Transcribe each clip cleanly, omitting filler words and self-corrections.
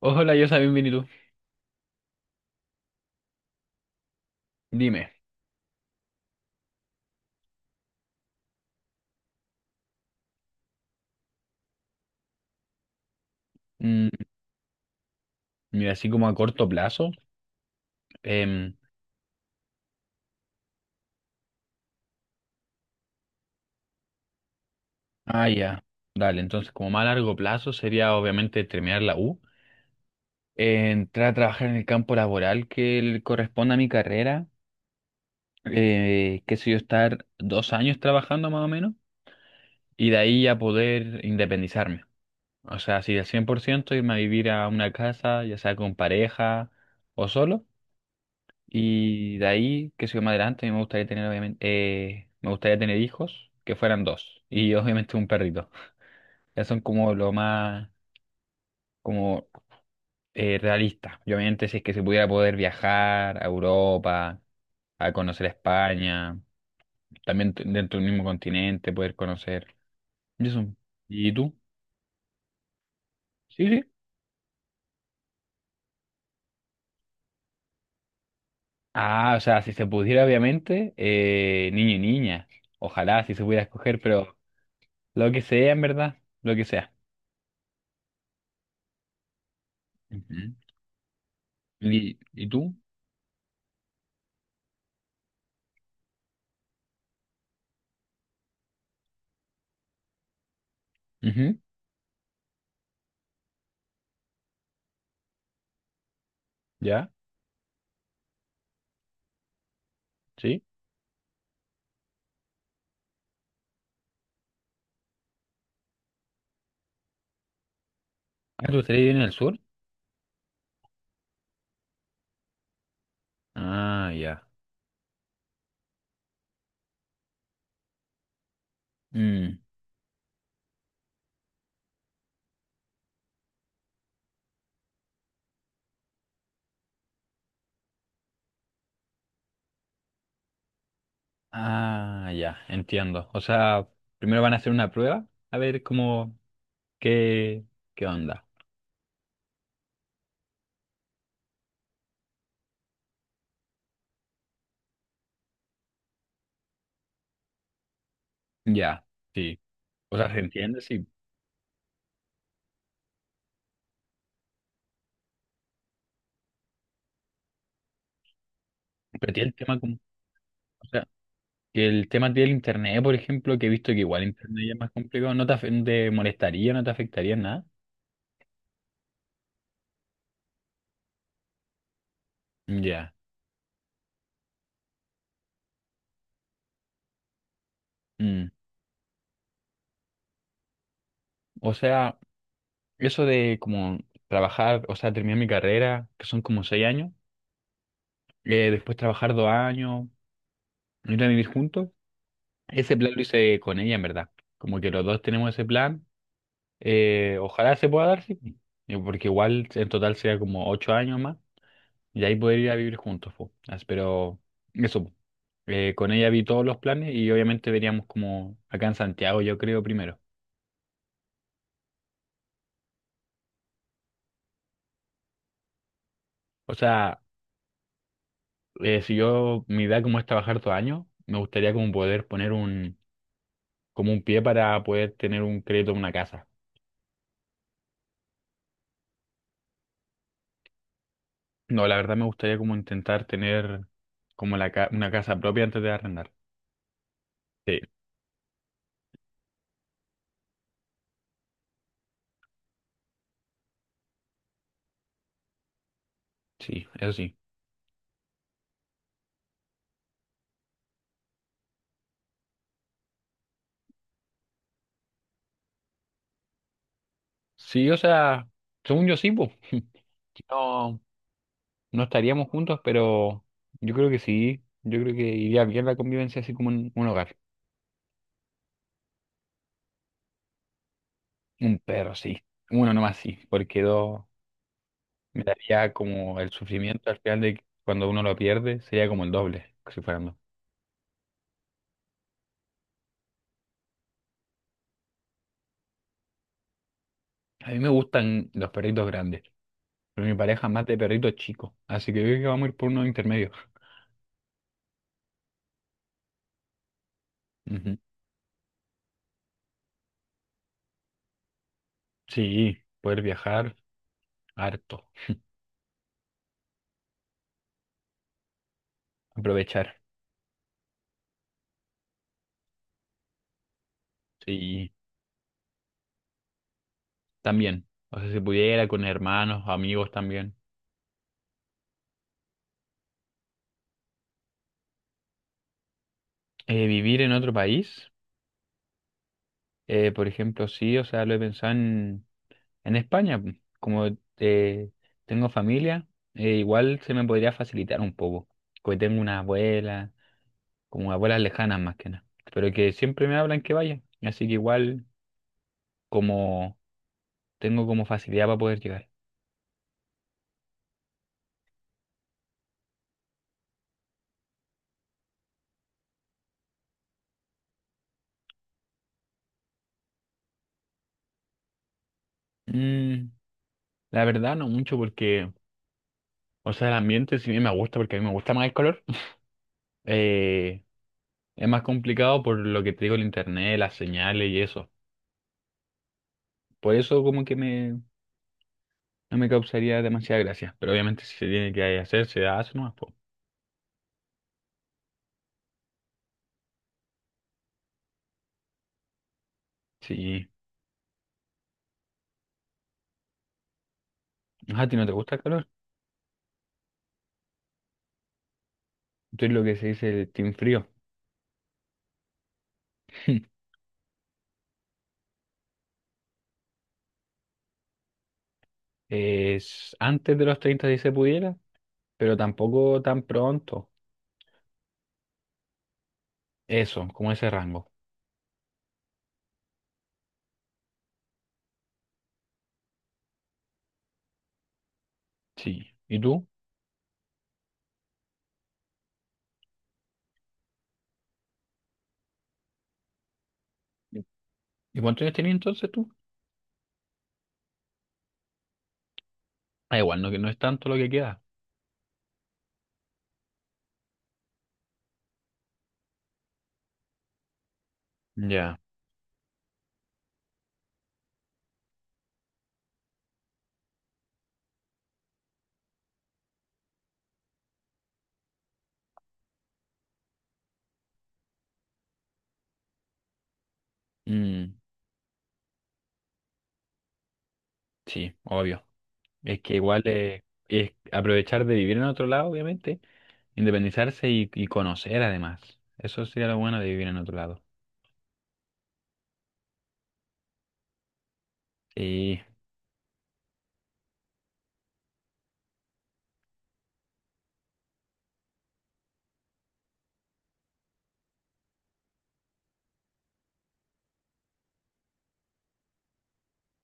Hola, yo soy bienvenido. Dime, mm, mira, así como a corto plazo, em, ya, dale. Entonces, como más a largo plazo, sería obviamente terminar la U, entrar a trabajar en el campo laboral que le corresponde a mi carrera, qué sé yo, estar 2 años trabajando más o menos, y de ahí ya poder independizarme. O sea, así al 100% irme a vivir a una casa, ya sea con pareja o solo. Y de ahí, qué sé yo, más adelante, a mí me gustaría tener, obviamente, me gustaría tener hijos que fueran dos. Y obviamente un perrito. Ya son como lo más, como realista. Y obviamente, si es que se pudiera, poder viajar a Europa, a conocer España, también dentro del mismo continente, poder conocer. Y eso. ¿Y tú? Sí, sí. Ah, o sea, si se pudiera, obviamente, niño y niña. Ojalá, si se pudiera escoger, pero lo que sea, en verdad, lo que sea. Ujú. Y tú? Ujú. ¿Ya? ¿Sí? Ah, ¿tú estás en el sur? Ah, ya. Mm. Ah, ya, entiendo. O sea, primero van a hacer una prueba, a ver cómo, qué, qué onda. Ya, sí. O sea, se entiende, sí. Pero tiene el tema, o sea, que el tema del internet, por ejemplo, que he visto que igual internet ya es más complicado, no te, no te molestaría, no te afectaría en nada. Ya. Mm. O sea, eso de como trabajar, o sea, terminar mi carrera, que son como 6 años. Después trabajar 2 años, ir a vivir juntos. Ese plan lo hice con ella, en verdad. Como que los dos tenemos ese plan. Ojalá se pueda dar, sí. Porque igual en total sería como 8 años más. Y ahí poder ir a vivir juntos, po. Pero eso, po. Con ella vi todos los planes y obviamente veríamos como acá en Santiago, yo creo, primero. O sea, si yo, mi idea como es trabajar 2 años, me gustaría como poder poner un, como un pie para poder tener un crédito en una casa. No, la verdad me gustaría como intentar tener como la una casa propia antes de arrendar. Sí, sí, eso sí. Sí, o sea, según yo sí, pues. No, no estaríamos juntos, pero yo creo que sí. Yo creo que iría bien la convivencia así como en un hogar. Un perro, sí. Uno nomás sí, porque dos me daría como el sufrimiento al final, de que cuando uno lo pierde sería como el doble, que si fueran dos. A mí me gustan los perritos grandes, pero mi pareja más de perritos chicos, así que yo creo que vamos a ir por unos intermedios. Ujú. Sí, poder viajar harto, aprovechar. Sí, también. O sea, si pudiera, con hermanos, amigos también. Vivir en otro país, por ejemplo, sí, o sea, lo he pensado en España, pu. Como eh, tengo familia, igual se me podría facilitar un poco. Porque tengo una abuela, como abuelas lejanas más que nada. Pero que siempre me hablan que vaya. Así que igual, como tengo como facilidad para poder llegar. Mm, la verdad no mucho porque, o sea, el ambiente sí me gusta, porque a mí me gusta más el color. Eh, es más complicado por lo que te digo, el internet, las señales y eso. Por eso como que me, no me causaría demasiada gracia. Pero obviamente si se tiene que hacer, se hace nomás, po. Sí. Ah, ¿a ti no te gusta el calor? Tú eres lo que se dice el team frío. Es antes de los 30, si se pudiera, pero tampoco tan pronto. Eso, como ese rango. Sí. ¿Y tú? Sí. ¿Y cuántos años tenías entonces tú? Ah, igual, no, que no es tanto lo que queda. Ya. Mm. Sí, obvio. Es que igual, es aprovechar de vivir en otro lado, obviamente, independizarse y conocer además. Eso sería lo bueno de vivir en otro lado. Sí,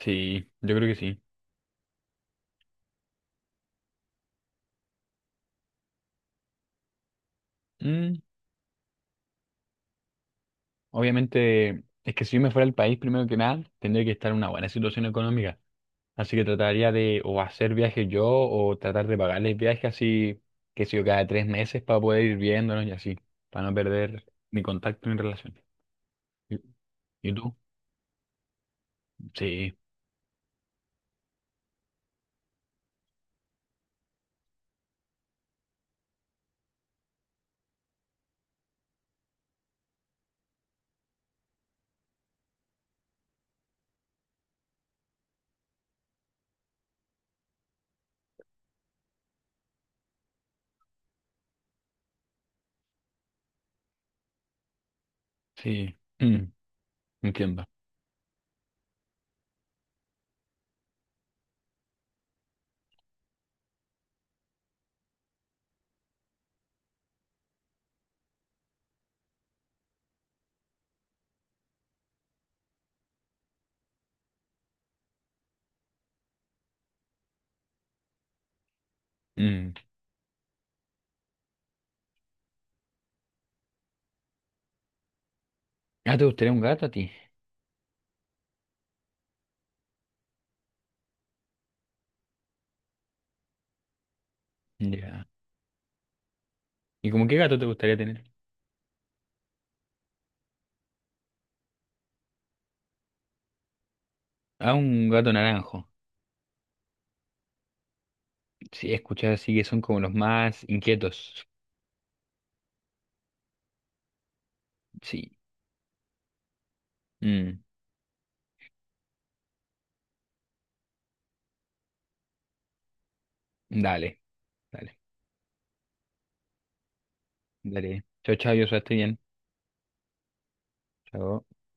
sí, yo creo que sí. Mm, obviamente, es que si yo me fuera al país, primero que nada, tendría que estar en una buena situación económica. Así que trataría de o hacer viajes yo o tratar de pagarles viajes, así, que sé yo, cada 3 meses para poder ir viéndonos y así, para no perder mi contacto ni relación. ¿Y, y tú? Sí, sí. Entiendo. Mm. Ah, ¿te gustaría un gato a ti? Ya. ¿Y como qué gato te gustaría tener? Ah, un gato naranjo. Sí, escuchar así que son como los más inquietos. Sí. Mm. Dale, dale, dale. Chao, chao, yo estoy bien. Chao.